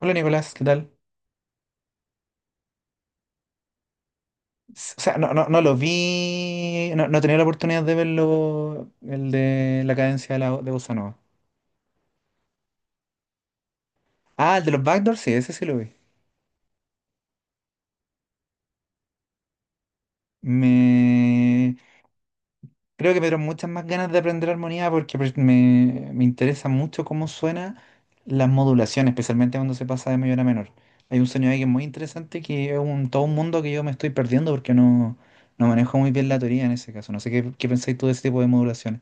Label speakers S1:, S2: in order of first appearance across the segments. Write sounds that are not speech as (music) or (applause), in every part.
S1: Hola Nicolás, ¿qué tal? No, no lo vi, no he tenido la oportunidad de verlo, el de la cadencia de, la, de Bossa Nova. Ah, el de los backdoors, sí, ese sí lo vi. Me... Creo que me dieron muchas más ganas de aprender armonía porque pues, me interesa mucho cómo suena las modulaciones, especialmente cuando se pasa de mayor a menor. Hay un sonido ahí que es muy interesante, que es un, todo un mundo que yo me estoy perdiendo porque no manejo muy bien la teoría en ese caso. No sé qué, qué pensáis tú de ese tipo de modulaciones.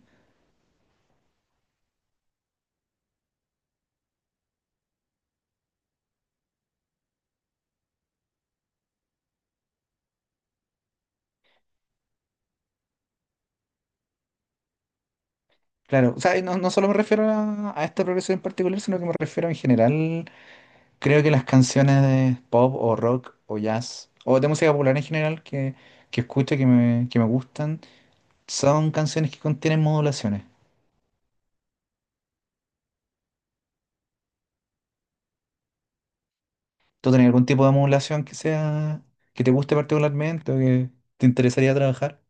S1: Claro, o sea, y no, no solo me refiero a esta progresión en particular, sino que me refiero en general. Creo que las canciones de pop o rock o jazz o de música popular en general que escucho, que me gustan, son canciones que contienen modulaciones. ¿Tú tenés algún tipo de modulación que sea, que te guste particularmente o que te interesaría trabajar?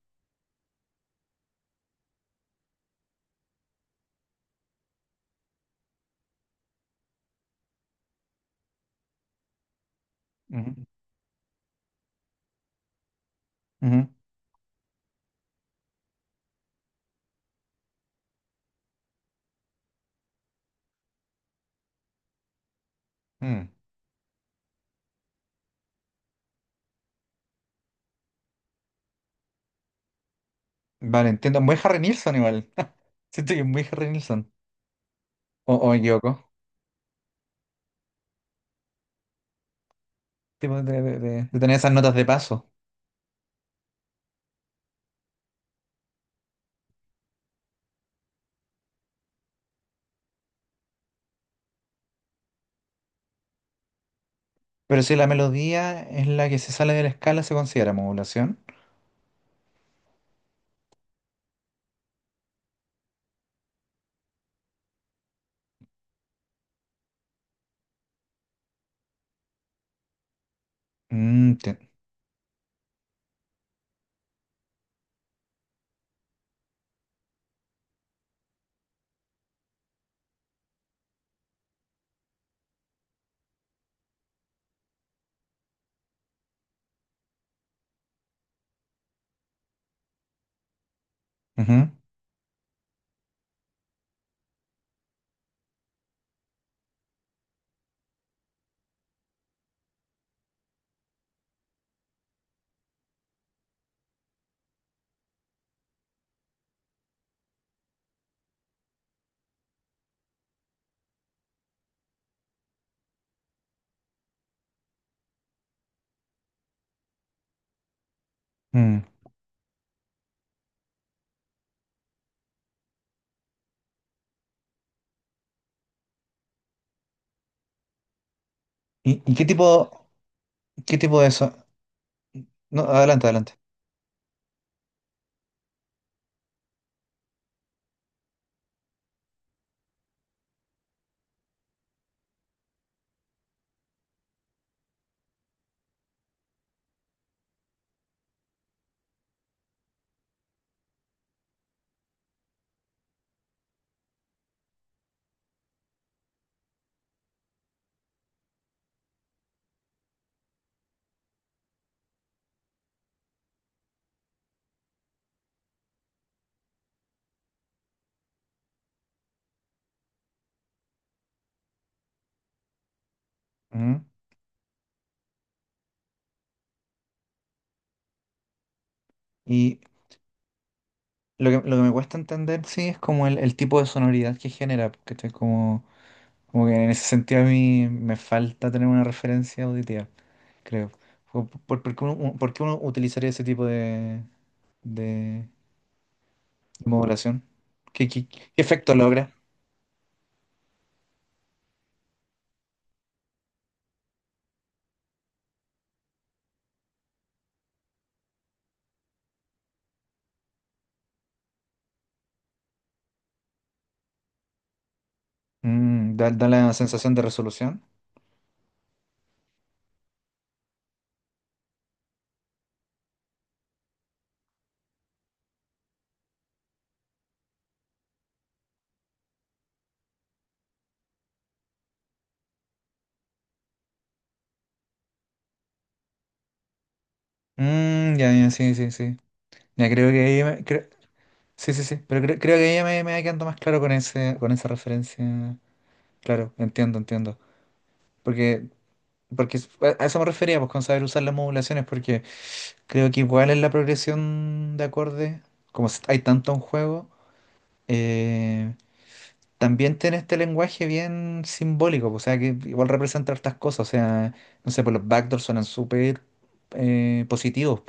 S1: Ujú, ujú, mm. Vale, entiendo. Muy Harry Nilsson igual. (laughs) Siento que es muy Harry Nilsson. O me equivoco. Tipo de, de tener esas notas de paso. Pero si la melodía es la que se sale de la escala, ¿se considera modulación? Mm, te- ujú, mm. Y qué tipo de eso? No, adelante, adelante. Ujú. Y lo que me cuesta entender, sí, es como el tipo de sonoridad que genera, porque estoy como, como que en ese sentido a mí me falta tener una referencia auditiva, creo. ¿Por qué uno, por qué uno utilizaría ese tipo de modulación? ¿Qué efecto logra? Mm, da la sensación de resolución. Mm, ya, ya, sí, sí, sí. Ya creo que ahí me- creo- Sí, sí, sí, pero creo que ahí me va quedando más claro con ese, con esa referencia. Claro, entiendo, entiendo. Porque, Porque a eso me refería, pues, con saber usar las modulaciones, porque creo que igual en la progresión de acordes, como hay tanto en juego, eh, también tiene este lenguaje bien simbólico, pues, o sea, que igual representa hartas cosas. O sea, no sé, pues los backdoors suenan súper positivos,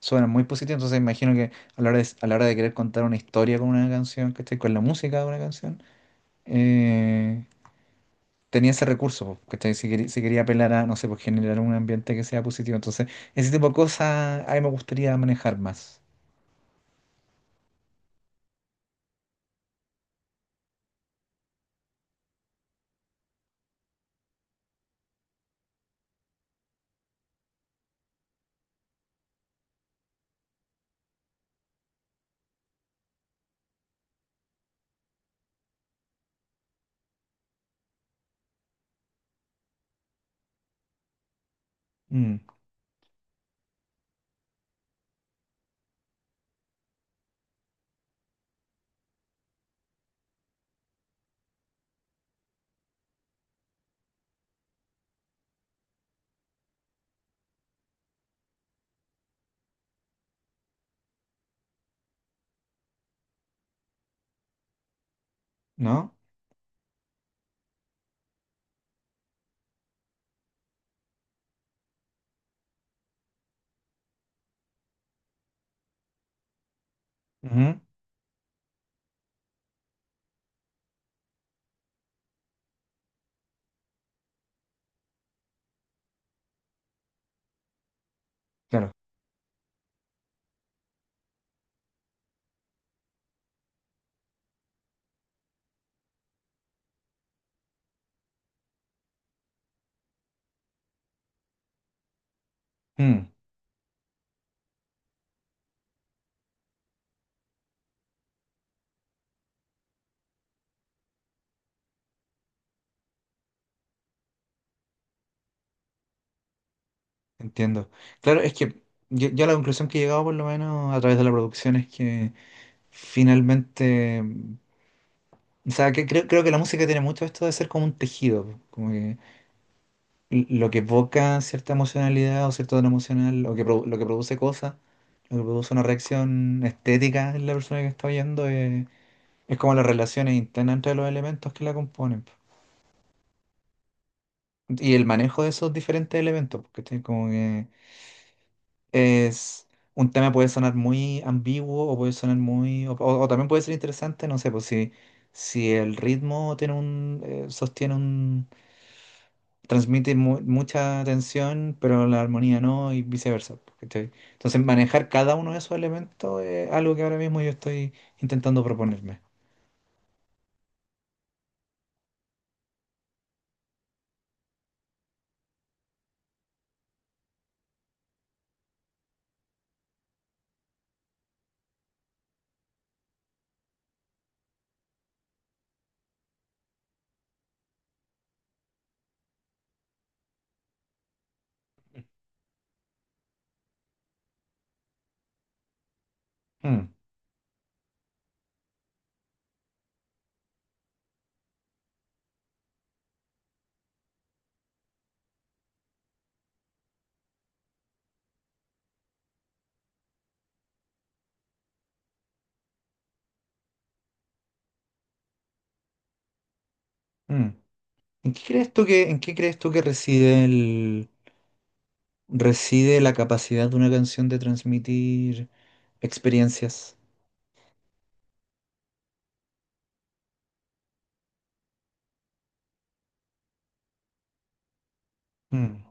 S1: suena muy positivos. Entonces imagino que a la hora de, a la hora de querer contar una historia con una canción, ¿cachai? Con la música de una canción, eh, tenía ese recurso, po, ¿cachai? Si quería, si quería apelar a, no sé, pues, generar un ambiente que sea positivo. Entonces, ese tipo de cosas a mí me gustaría manejar más. Mm, ¿no? Ujú, claro. Mm, entiendo. Claro, es que yo, a la conclusión que he llegado, por lo menos a través de la producción, es que finalmente... mm, o sea, que creo que la música tiene mucho esto de ser como un tejido, como que lo que evoca cierta emocionalidad o cierto tono emocional, o que lo que produce cosas, lo que produce una reacción estética en la persona que está oyendo, es como las relaciones internas entre los elementos que la componen, po. Y el manejo de esos diferentes elementos, porque como que es un tema puede sonar muy ambiguo o puede sonar muy, o también puede ser interesante, no sé, pues si, si el ritmo tiene un, sostiene, transmite mucha tensión, pero la armonía no, y viceversa, po, ¿cachai? Entonces, manejar cada uno de esos elementos es algo que ahora mismo yo estoy intentando proponerme. Mm, mm. ¿En qué crees tú que, en qué crees tú que reside el, reside la capacidad de una canción de transmitir experiencias? Mm,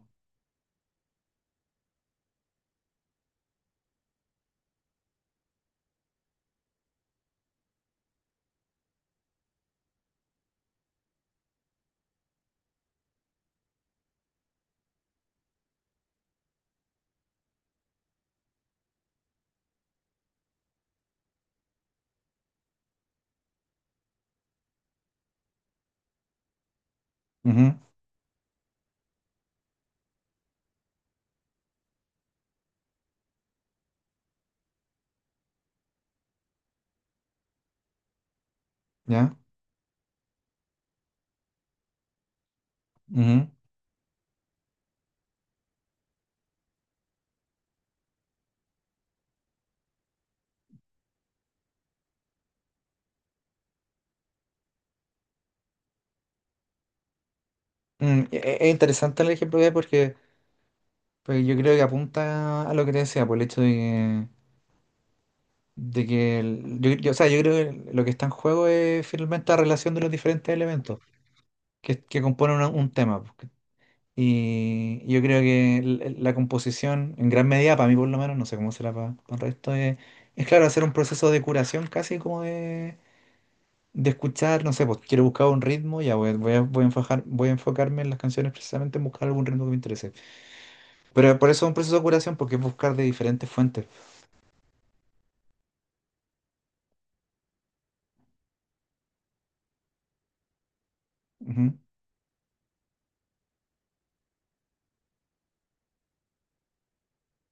S1: ujú, ¿ya? Ujú. Mm, es interesante el ejemplo que hay porque, porque yo creo que apunta a lo que te decía, por el hecho de que yo, o sea, yo creo que lo que está en juego es finalmente la relación de los diferentes elementos que componen un tema, pues. Y yo creo que la composición, en gran medida, para mí por lo menos, no sé cómo será para el resto, es claro, hacer un proceso de curación casi como de escuchar, no sé, pues, quiero buscar un ritmo, ya voy, voy a, voy a enfocarme en las canciones precisamente en buscar algún ritmo que me interese. Pero por eso es un proceso de curación, porque es buscar de diferentes fuentes. Ujú,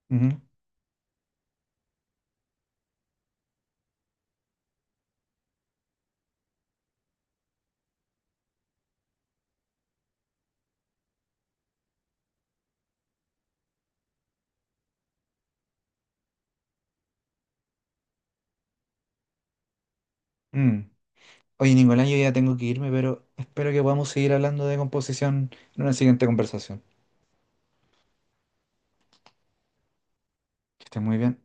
S1: ujú, mm. Oye, Nicolás, yo ya tengo que irme, pero espero que podamos seguir hablando de composición en una siguiente conversación. Que estés muy bien.